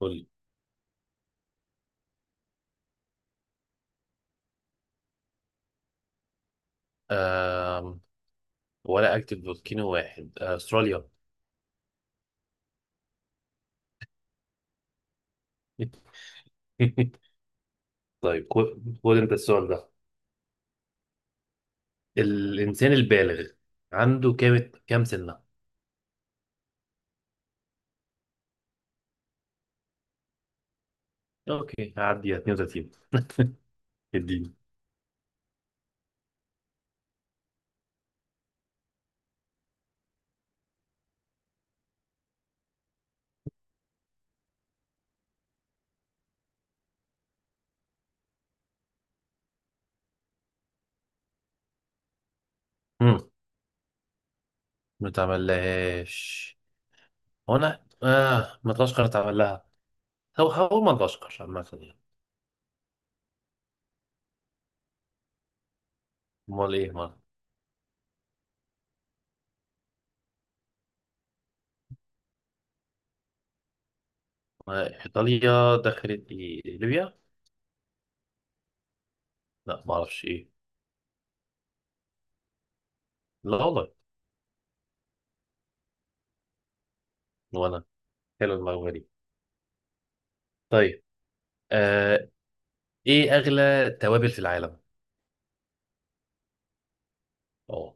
قول. آم، ولا اكتف فولكينو واحد، استراليا. طيب، خد انت السؤال ده. الانسان البالغ عنده كام سنه؟ اوكي، هعدي 32. اديني. مم، ما تعملهاش. هو انا مدغشقر اتعمل لها؟ هو مدغشقر عامة يعني. امال ايه امال؟ ايطاليا دخلت ايه، ليبيا؟ لا، ما اعرفش ايه. لا والله. وانا... حلو المعلومة دي. طيب. آه ايه اغلى توابل في العالم؟ اه.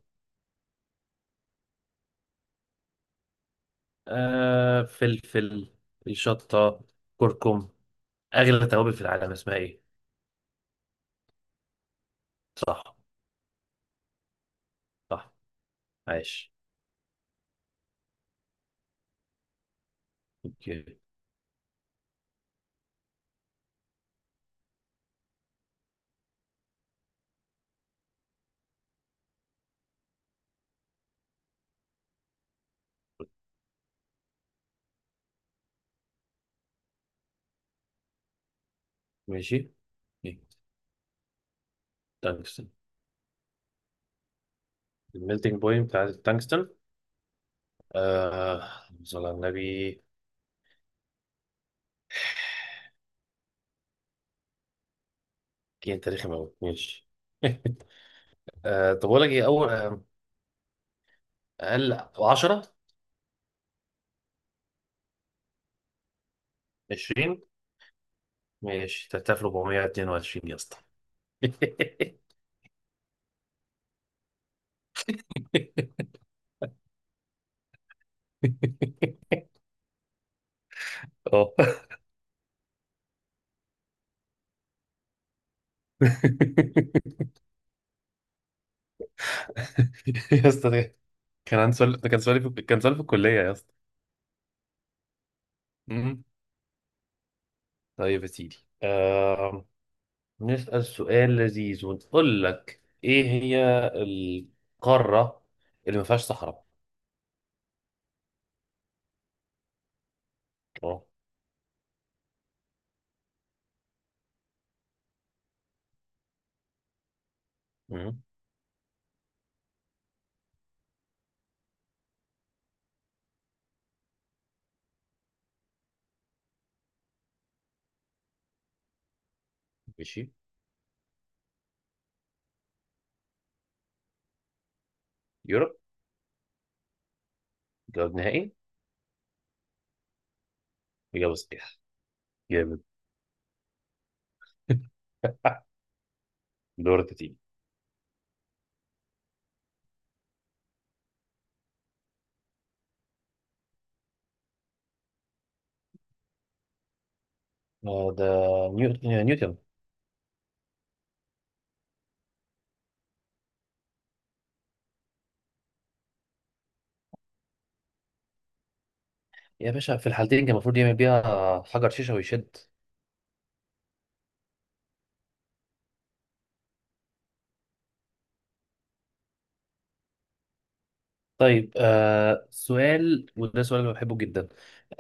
فلفل، شطة، كركم. أغلى توابل في العالم اسمها إيه؟ صح. صح، عاش. أوكي. ماشي. إيه، تانكستن. الميلتنج بوينت بتاعت التانكستن. آه صلى على النبي. دي أنت رخم أوي، ماشي. طب أقول لك إيه؟ أول أقل. 10. 20. ماشي، 3422 يا اسطى. اه. يا اسطى، كان عندي سؤال. ده كان سؤالي في الكلية يا اسطى. مم. طيب يا سيدي. آه... نسأل سؤال لذيذ ونقول لك: ايه هي القارة اللي ما فيهاش صحراء؟ اه. مم. ماشي. يوروب، جواب نهائي. إجابة صحيحة. جامد. دورك يا سيدي. ده نيوتن نيوتن. يا باشا، في الحالتين كان المفروض يعمل بيها حجر شيشة ويشد. طيب سؤال، وده سؤال انا بحبه جدا.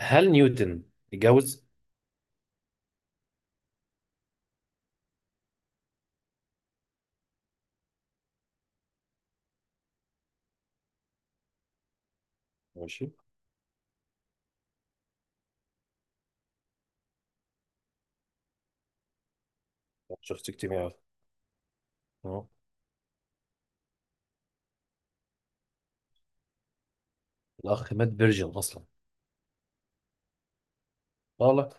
هل نيوتن اتجوز؟ ماشي. شفت، اجتماعي. اه. الاخ مات فيرجن اصلا. والله.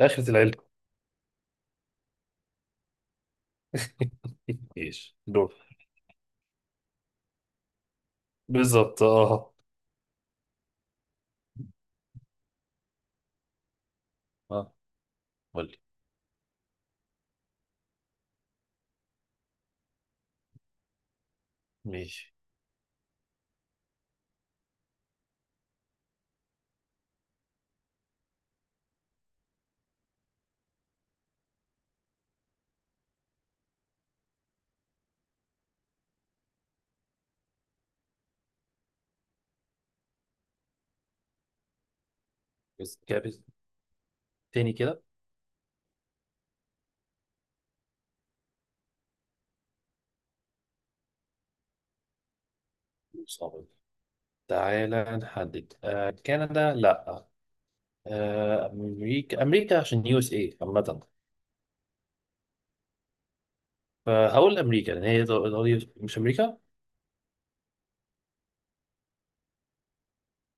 اخرة العلم. ايش دول؟ بالظبط اه. اه، قول لي. ماشي. بس كابت تاني كده. صعب. تعالى نحدد، كندا، لا. امريكا، عشان يو اس اي عامة. فهقول امريكا لان هي مش امريكا.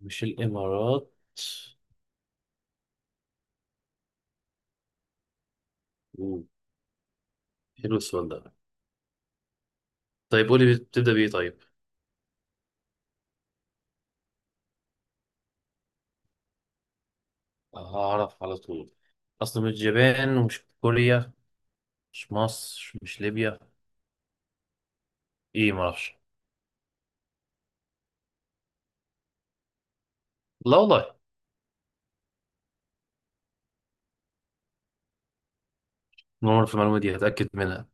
مش الامارات. أوه، حلو السؤال ده. طيب، قولي بتبدأ بايه طيب. هعرف على طول. اصلا مش اليابان ومش كوريا. مش مصر، مش ليبيا. ايه، ما اعرفش. لا والله. نمر في المعلومه دي، هتاكد منها.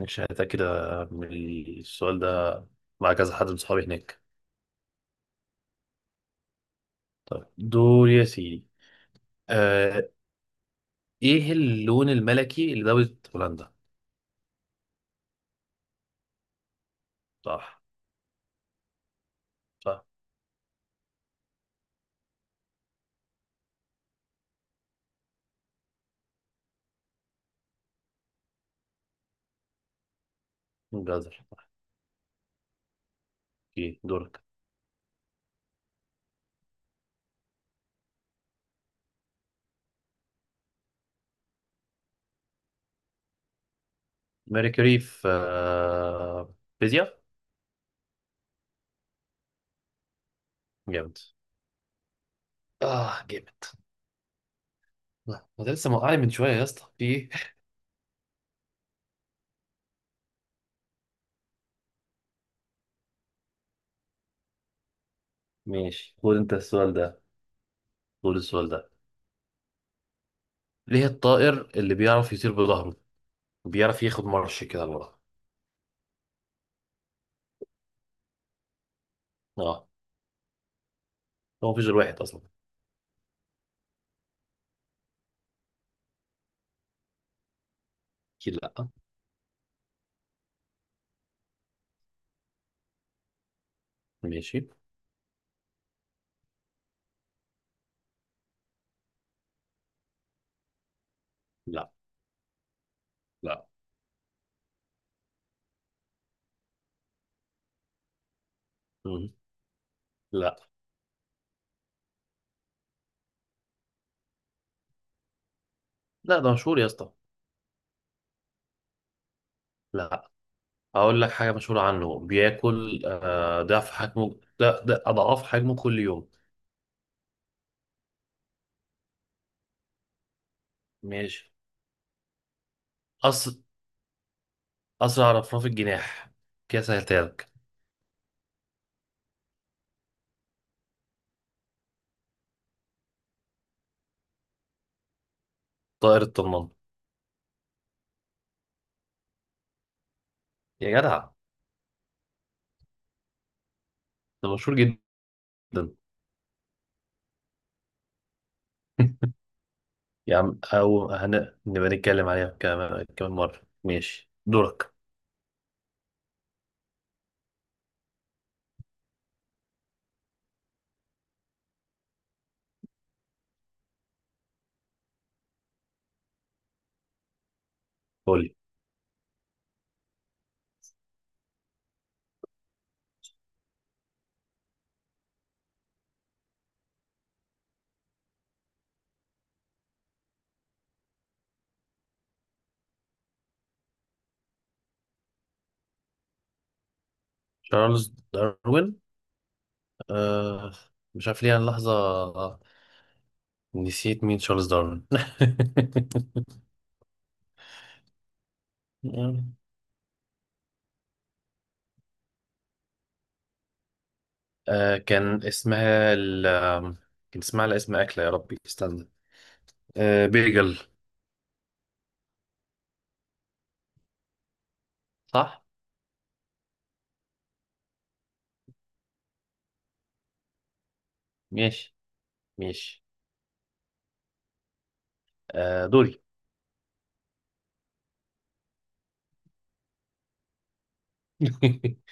مش هتاكد من السؤال ده مع كذا حد من صحابي هناك. طيب دور يا سيدي. آه ايه اللون الملكي لدولة هولندا؟ صح. صح. جزر، صح. اوكي، دورك. ميركوري في فيزياء. جامد. اه جامد. ما ده لسه موقعني من شويه يا اسطى، في ايه؟ ماشي، خد انت السؤال ده. خد السؤال ده. ليه الطائر اللي بيعرف يطير بظهره بيعرف ياخد مرش كده لورا؟ اه. هو مفيش غير واحد اصلا. اكيد لا. ماشي. لا، لا. مم. لا. لا، ده مشهور يا اسطى. لا، اقول لك حاجه مشهوره عنه. بياكل ضعف حجمه، لا ده اضعاف حجمه كل يوم. ماشي. أس... اسرع رفراف الجناح، كده سهلتها لك. طائر الطنان. يا جدع، ده مشهور جدا. يا عم، نبقى نتكلم عليها كمان كمان مره. ماشي، دورك. قول لي. تشارلز داروين. آه مش عارف ليه، انا لحظة نسيت مين تشارلز داروين. كان اسمها ال... كان اسمها على اسم أكلة، يا ربي استنى. بيجل. صح؟ ماشي. ماشي. دوري.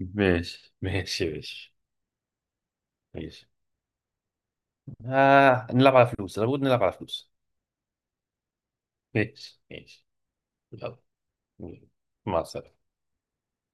ماشي، ماشي، ماشي، ماشي. نلعب على فلوس، أنا بقول نلعب على فلوس. ماشي، ماشي. يلا. مع السلامة.